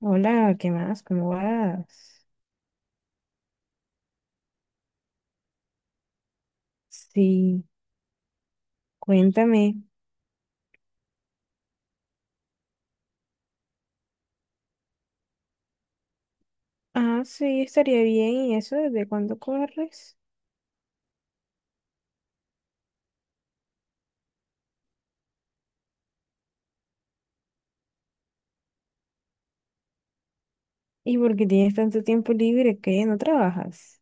Hola, ¿qué más? ¿Cómo vas? Sí, cuéntame. Ah, sí, estaría bien. ¿Y eso desde cuándo corres? ¿Y por qué tienes tanto tiempo libre que no trabajas?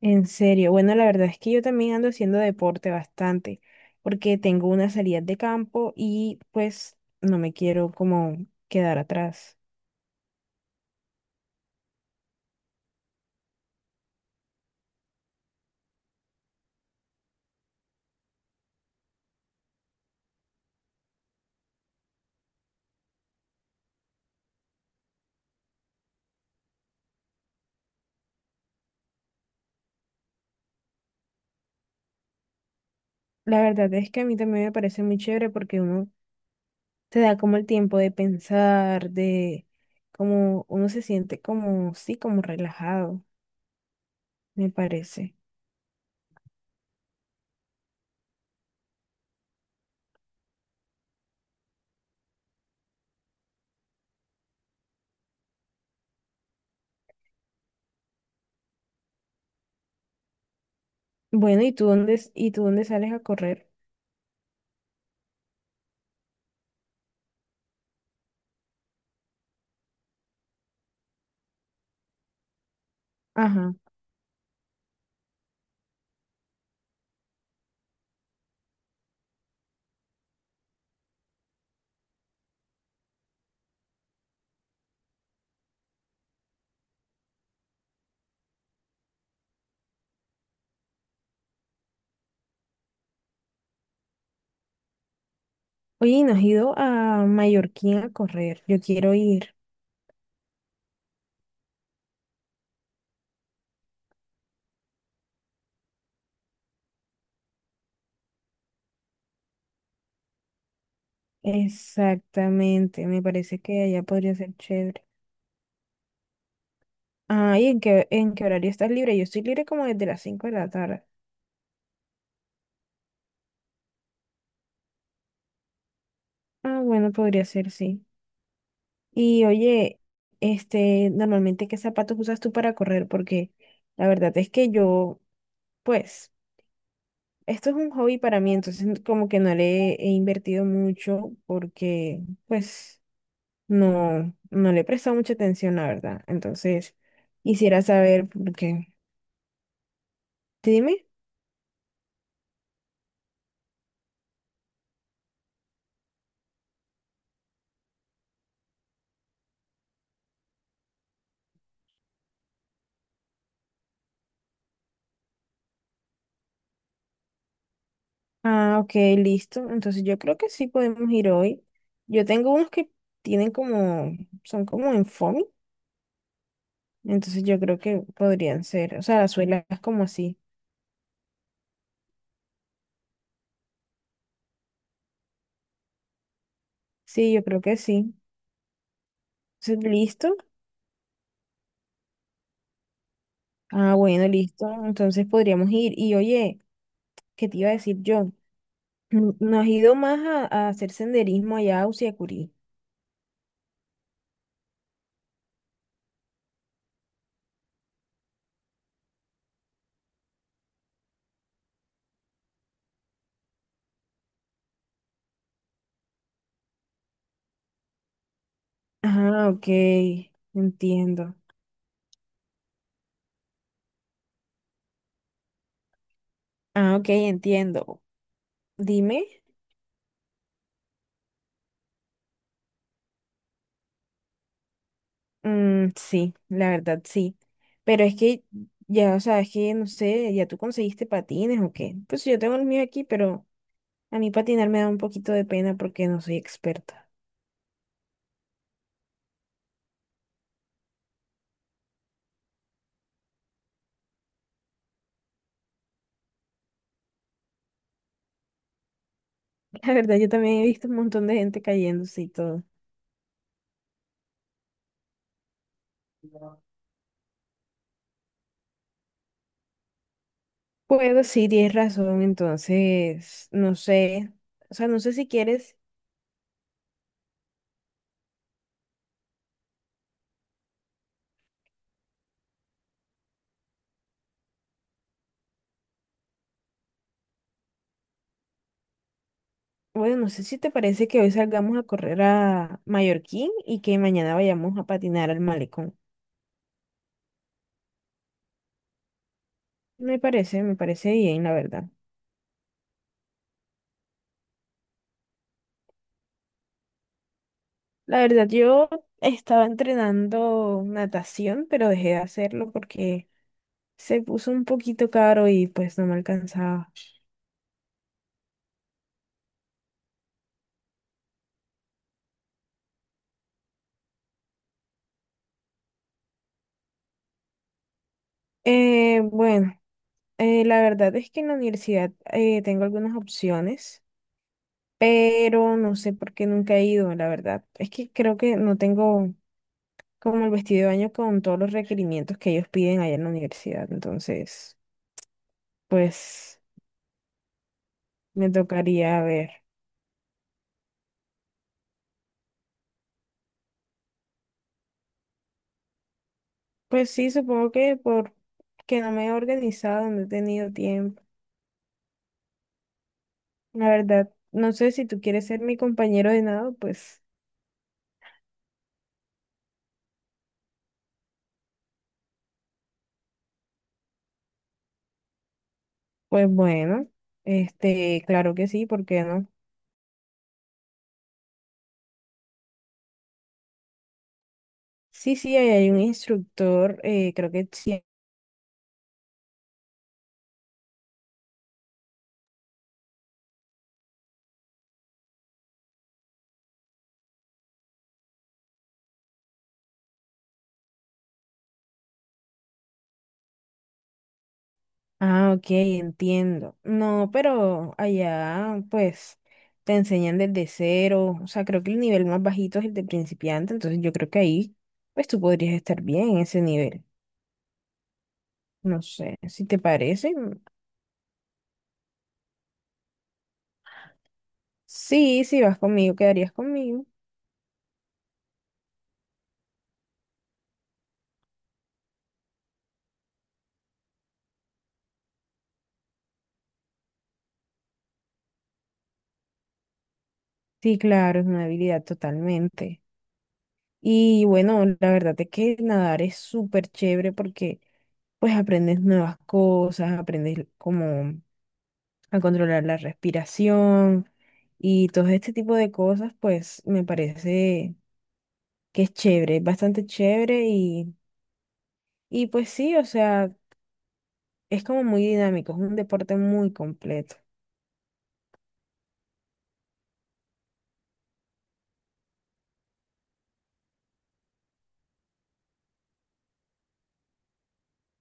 En serio. Bueno, la verdad es que yo también ando haciendo deporte bastante, porque tengo una salida de campo y pues no me quiero como quedar atrás. La verdad es que a mí también me parece muy chévere porque uno te da como el tiempo de pensar, de como uno se siente como, sí, como relajado, me parece. Bueno, ¿y tú dónde sales a correr? Ajá. Oye, ¿y no has ido a Mallorquín a correr? Yo quiero ir. Exactamente, me parece que allá podría ser chévere. Ah, ¿y en qué horario estás libre? Yo estoy libre como desde las 5 de la tarde. Ah, bueno, podría ser, sí. Y oye, este, normalmente ¿qué zapatos usas tú para correr? Porque la verdad es que yo, pues, esto es un hobby para mí, entonces como que no le he invertido mucho porque, pues, no, no le he prestado mucha atención, la verdad. Entonces, quisiera saber porque, sí. Dime. Ah, ok, listo. Entonces yo creo que sí podemos ir hoy. Yo tengo unos que tienen como, son como en foamy, entonces yo creo que podrían ser, o sea, las suelas como así. Sí, yo creo que sí. Entonces, ¿listo? Ah, bueno, listo. Entonces podríamos ir. Y oye, ¿qué te iba a decir yo? Mm, ¿no has ido más a hacer senderismo allá a Usiacurí? Ah, ok. Entiendo. Ah, ok, entiendo. Dime. Mm, sí, la verdad, sí. Pero es que ya, o sea, es que no sé, ¿ya tú conseguiste patines o qué? Pues yo tengo el mío aquí, pero a mí patinar me da un poquito de pena porque no soy experta. La verdad, yo también he visto un montón de gente cayéndose y todo. Bueno, sí, tienes razón, entonces, no sé, o sea, no sé si quieres, bueno, no sé si te parece que hoy salgamos a correr a Mallorquín y que mañana vayamos a patinar al malecón. Me parece bien, la verdad. La verdad, yo estaba entrenando natación, pero dejé de hacerlo porque se puso un poquito caro y pues no me alcanzaba. Bueno, la verdad es que en la universidad tengo algunas opciones. Pero no sé por qué nunca he ido, la verdad. Es que creo que no tengo como el vestido de baño con todos los requerimientos que ellos piden allá en la universidad, entonces, pues me tocaría ver. Pues sí, supongo que por que no me he organizado, no he tenido tiempo. La verdad, no sé si tú quieres ser mi compañero de nado, pues, pues bueno, este, claro que sí, ¿por qué no? Sí, sí, ahí hay un instructor, creo que sí. Ah, ok, entiendo. No, pero allá pues te enseñan desde cero, o sea, creo que el nivel más bajito es el de principiante, entonces yo creo que ahí pues tú podrías estar bien en ese nivel. No sé, si te parece. Sí, si vas conmigo, quedarías conmigo. Sí, claro, es una habilidad totalmente. Y bueno, la verdad es que nadar es súper chévere porque pues aprendes nuevas cosas, aprendes como a controlar la respiración y todo este tipo de cosas, pues me parece que es chévere, es bastante chévere y pues sí, o sea, es como muy dinámico, es un deporte muy completo.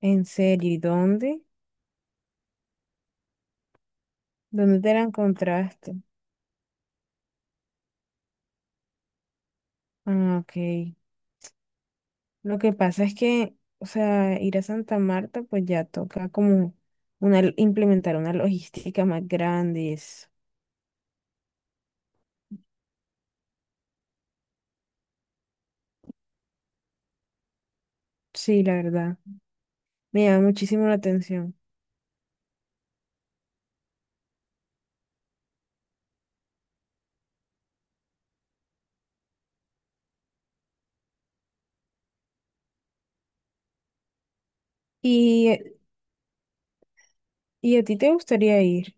En serio, ¿y dónde? ¿Dónde te la encontraste? Ah, ok. Lo que pasa es que, o sea, ir a Santa Marta, pues ya toca como una, implementar una logística más grande. Y eso. Sí, la verdad, me llama muchísimo la atención. ¿Y, eh, y a ti te gustaría ir?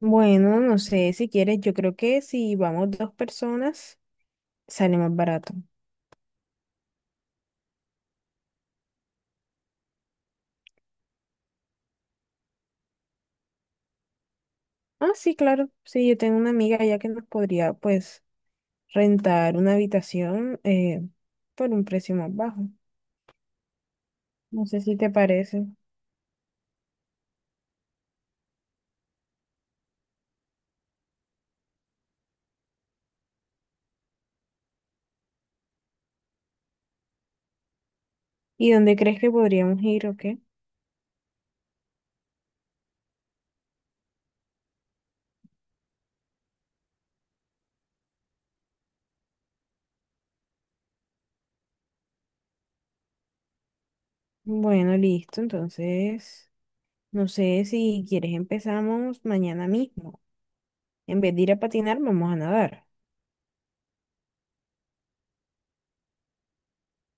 Bueno, no sé, si quieres, yo creo que si vamos dos personas, sale más barato. Ah, sí, claro, sí, yo tengo una amiga allá que nos podría, pues, rentar una habitación por un precio más bajo. No sé si te parece. ¿Y dónde crees que podríamos ir o qué? Bueno, listo. Entonces, no sé si quieres empezamos mañana mismo. En vez de ir a patinar, vamos a nadar.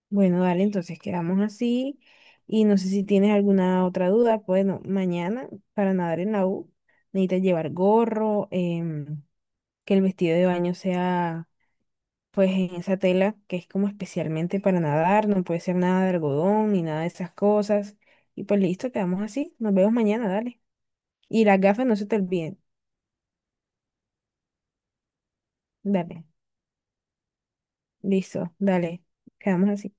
Bueno, dale, entonces quedamos así. Y no sé si tienes alguna otra duda. Bueno, mañana para nadar en la U necesitas llevar gorro, que el vestido de baño sea pues en esa tela que es como especialmente para nadar. No puede ser nada de algodón ni nada de esas cosas. Y pues listo, quedamos así. Nos vemos mañana, dale. Y las gafas no se te olviden. Dale. Listo, dale, quedamos así.